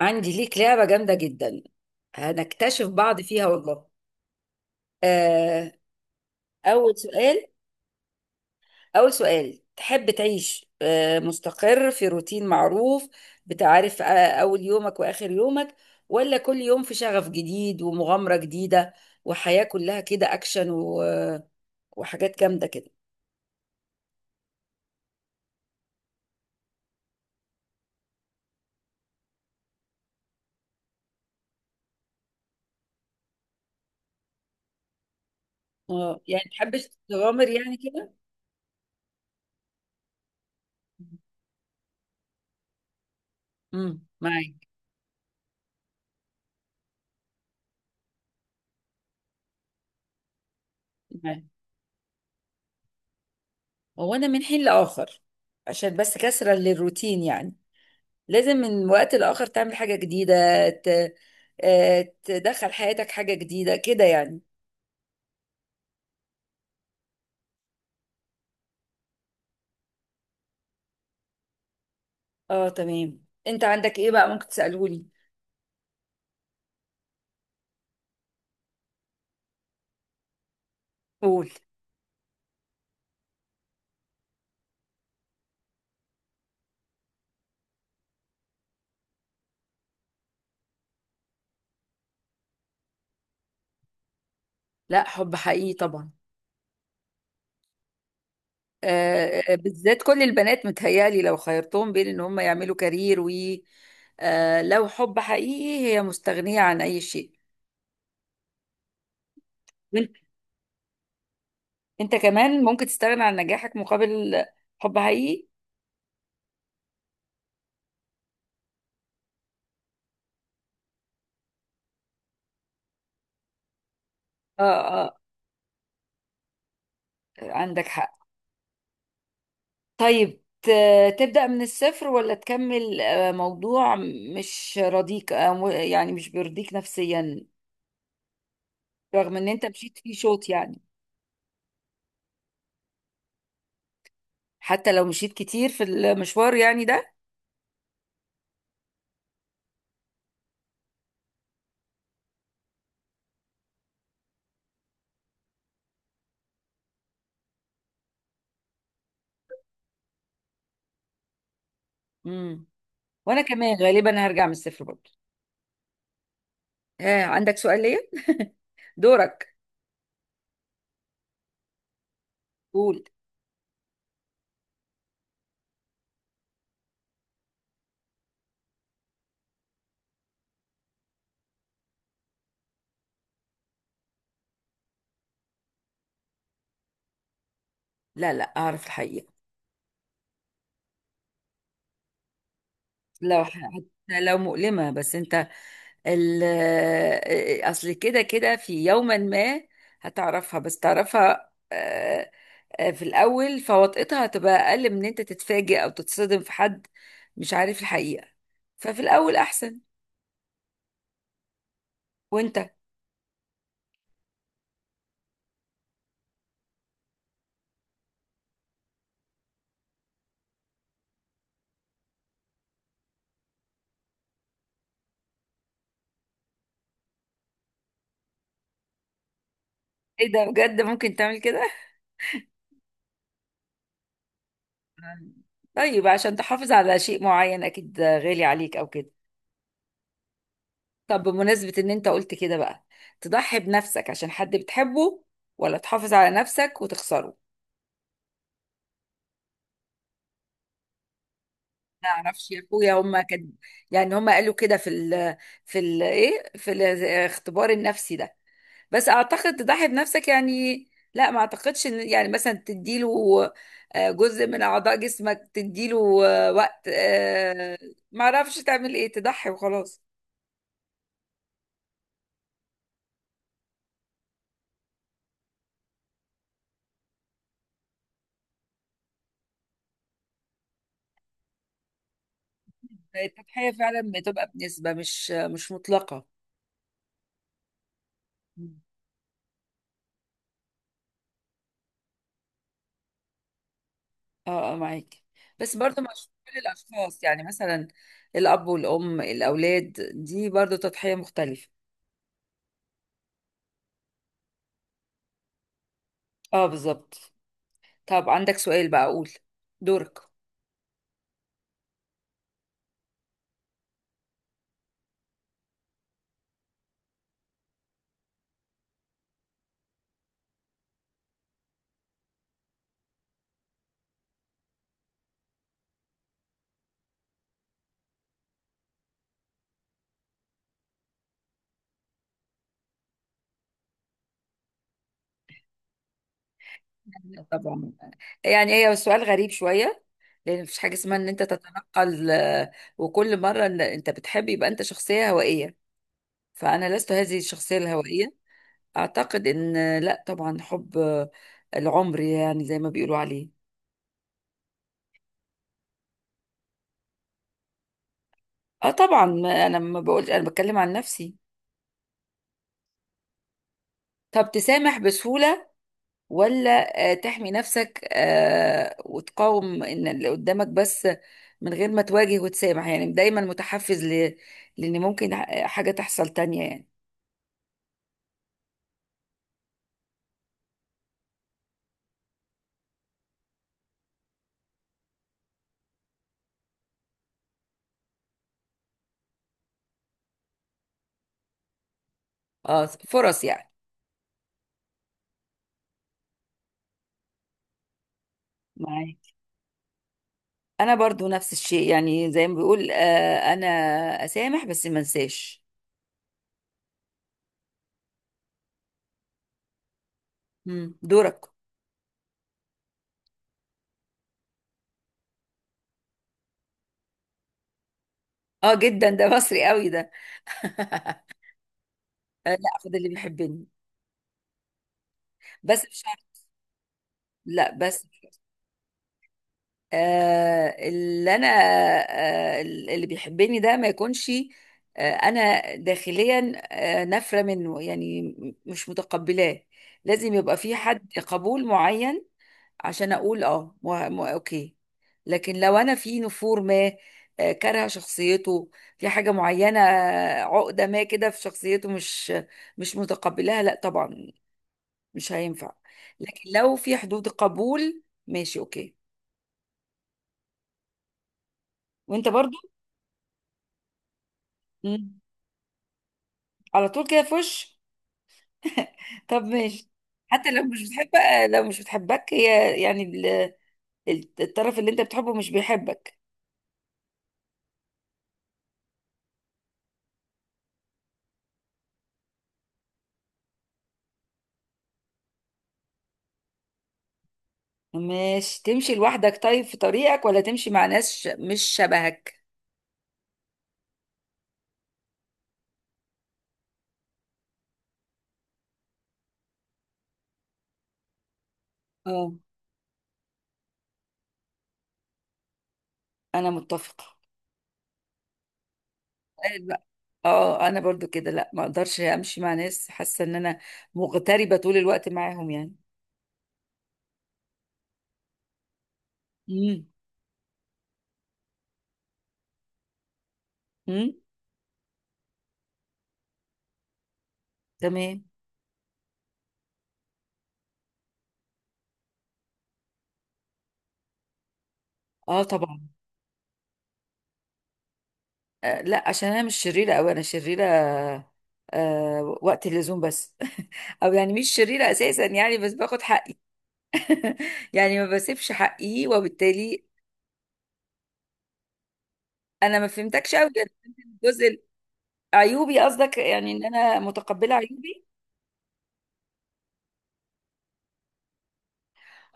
عندي ليك لعبة جامدة جدا. هنكتشف بعض فيها والله. آه، أول سؤال أول سؤال، تحب تعيش مستقر في روتين معروف، بتعرف أول يومك وآخر يومك، ولا كل يوم في شغف جديد ومغامرة جديدة وحياة كلها كده أكشن وحاجات جامدة كده؟ اه يعني تحبش تغامر يعني كده. امم. معاك. معاك. هو أنا من حين لآخر، عشان بس كسرة للروتين يعني، لازم من وقت لآخر تعمل حاجة جديدة، ت... تدخل حياتك حاجة جديدة كده يعني. اه تمام، انت عندك ايه بقى ممكن تسألوني؟ قول. لا، حب حقيقي طبعا. بالذات كل البنات متهيالي لو خيرتهم بين ان هم يعملوا كارير و لو حب حقيقي هي مستغنية عن اي شيء. وانت كمان ممكن تستغنى عن نجاحك مقابل حب حقيقي. اه اه، عندك حق. طيب، تبدأ من الصفر ولا تكمل موضوع مش راضيك، يعني مش بيرضيك نفسيا رغم ان انت مشيت فيه شوط يعني؟ حتى لو مشيت كتير في المشوار يعني ده. امم. وانا كمان غالبا هرجع من الصفر برضه. عندك سؤال ليا؟ دورك. قول. لا، لا، اعرف الحقيقة. حتى لو مؤلمة، بس انت اصل كده كده في يوما ما هتعرفها، بس تعرفها في الأول فوطئتها هتبقى أقل من إن أنت تتفاجئ أو تتصدم في حد مش عارف الحقيقة. ففي الأول أحسن. وأنت؟ إيه ده، بجد ممكن تعمل كده؟ طيب، عشان تحافظ على شيء معين أكيد غالي عليك أو كده. طب بمناسبة إن أنت قلت كده بقى، تضحي بنفسك عشان حد بتحبه ولا تحافظ على نفسك وتخسره؟ ما اعرفش يا اخويا، هما كان يعني هما قالوا كده في ال في ال ايه في الاختبار النفسي ده. بس اعتقد تضحي بنفسك يعني. لا، ما اعتقدش ان يعني مثلا تديله جزء من اعضاء جسمك، تديله وقت، ما اعرفش تعمل ايه، تضحي وخلاص. التضحية فعلا بتبقى بنسبة مش مطلقة. مم. اه اه معاك، بس برضو مش كل الاشخاص يعني، مثلا الاب والام الاولاد دي برضو تضحية مختلفة. اه بالظبط. طب عندك سؤال بقى؟ اقول. دورك. لا طبعا. يعني هي سؤال غريب شوية، لأن مفيش حاجة اسمها إن أنت تتنقل، وكل مرة إن أنت بتحب يبقى أنت شخصية هوائية. فأنا لست هذه الشخصية الهوائية. أعتقد إن لا طبعا، حب العمر يعني زي ما بيقولوا عليه. أه طبعا، أنا ما بقولش، أنا بتكلم عن نفسي. طب تسامح بسهولة ولا تحمي نفسك وتقاوم ان اللي قدامك، بس من غير ما تواجه وتسامح، يعني دايما متحفز لان ممكن حاجة تحصل تانية يعني؟ اه، فرص يعني. معاك. انا برضو نفس الشيء يعني، زي ما بيقول انا اسامح بس ما انساش. مم، دورك. اه جدا، ده مصري قوي ده. لا، اخد اللي بيحبني، بس مش شرط. لا بس آه، اللي انا آه، اللي بيحبني ده ما يكونش انا داخليا نافره منه يعني، مش متقبلاه. لازم يبقى في حد قبول معين عشان اقول اه اوكي. لكن لو انا في نفور ما، كارهه شخصيته في حاجه معينه، عقده ما كده في شخصيته، مش متقبلاها، لا طبعا مش هينفع. لكن لو في حدود قبول ماشي اوكي. وانت برضو؟ على طول كده في وش! طب ماشي. حتى لو مش بتحب، لو مش بتحبك هي يعني الطرف اللي انت بتحبه مش بيحبك. ماشي. تمشي لوحدك طيب في طريقك ولا تمشي مع ناس مش شبهك؟ اه، انا متفقة. طيب بقى. اه، انا برضو كده، لا ما اقدرش امشي مع ناس حاسه ان انا مغتربه طول الوقت معاهم يعني. امم. امم. تمام. اه طبعا، لا عشان انا مش شريره قوي، انا شريره وقت اللزوم بس او يعني مش شريره اساسا يعني، بس باخد حقي. يعني ما بسيبش حقي، وبالتالي. انا ما فهمتكش قوي. انا فهمت الجزء عيوبي قصدك، يعني ان انا متقبله عيوبي.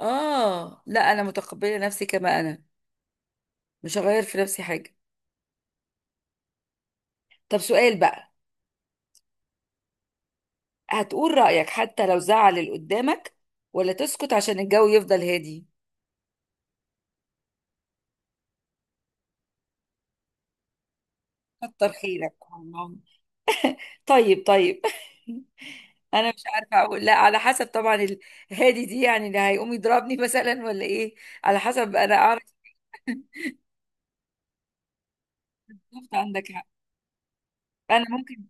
اه لا، انا متقبله نفسي كما انا، مش هغير في نفسي حاجه. طب سؤال بقى. هتقول رايك حتى لو زعل اللي قدامك ولا تسكت عشان الجو يفضل هادي؟ كتر خيرك والله. طيب، طيب. انا مش عارفه اقول، لا على حسب طبعا. الهادي دي يعني اللي هيقوم يضربني مثلا، ولا ايه؟ على حسب، انا اعرف. بالظبط، عندك حق. انا ممكن.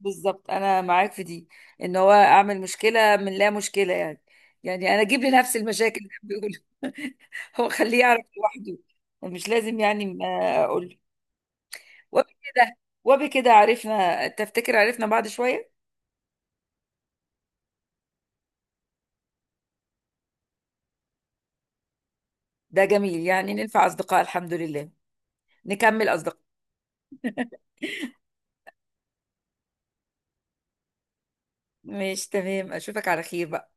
بالظبط، انا معاك في دي، ان هو اعمل مشكله من لا مشكله يعني. يعني انا اجيب لنفسي المشاكل اللي بيقولوا. هو خليه يعرف لوحده. مش لازم يعني ما اقول له. وبكده وبكده عرفنا، تفتكر عرفنا بعض شويه؟ ده جميل يعني، ننفع اصدقاء الحمد لله. نكمل اصدقاء. مش تمام؟ اشوفك على خير بقى.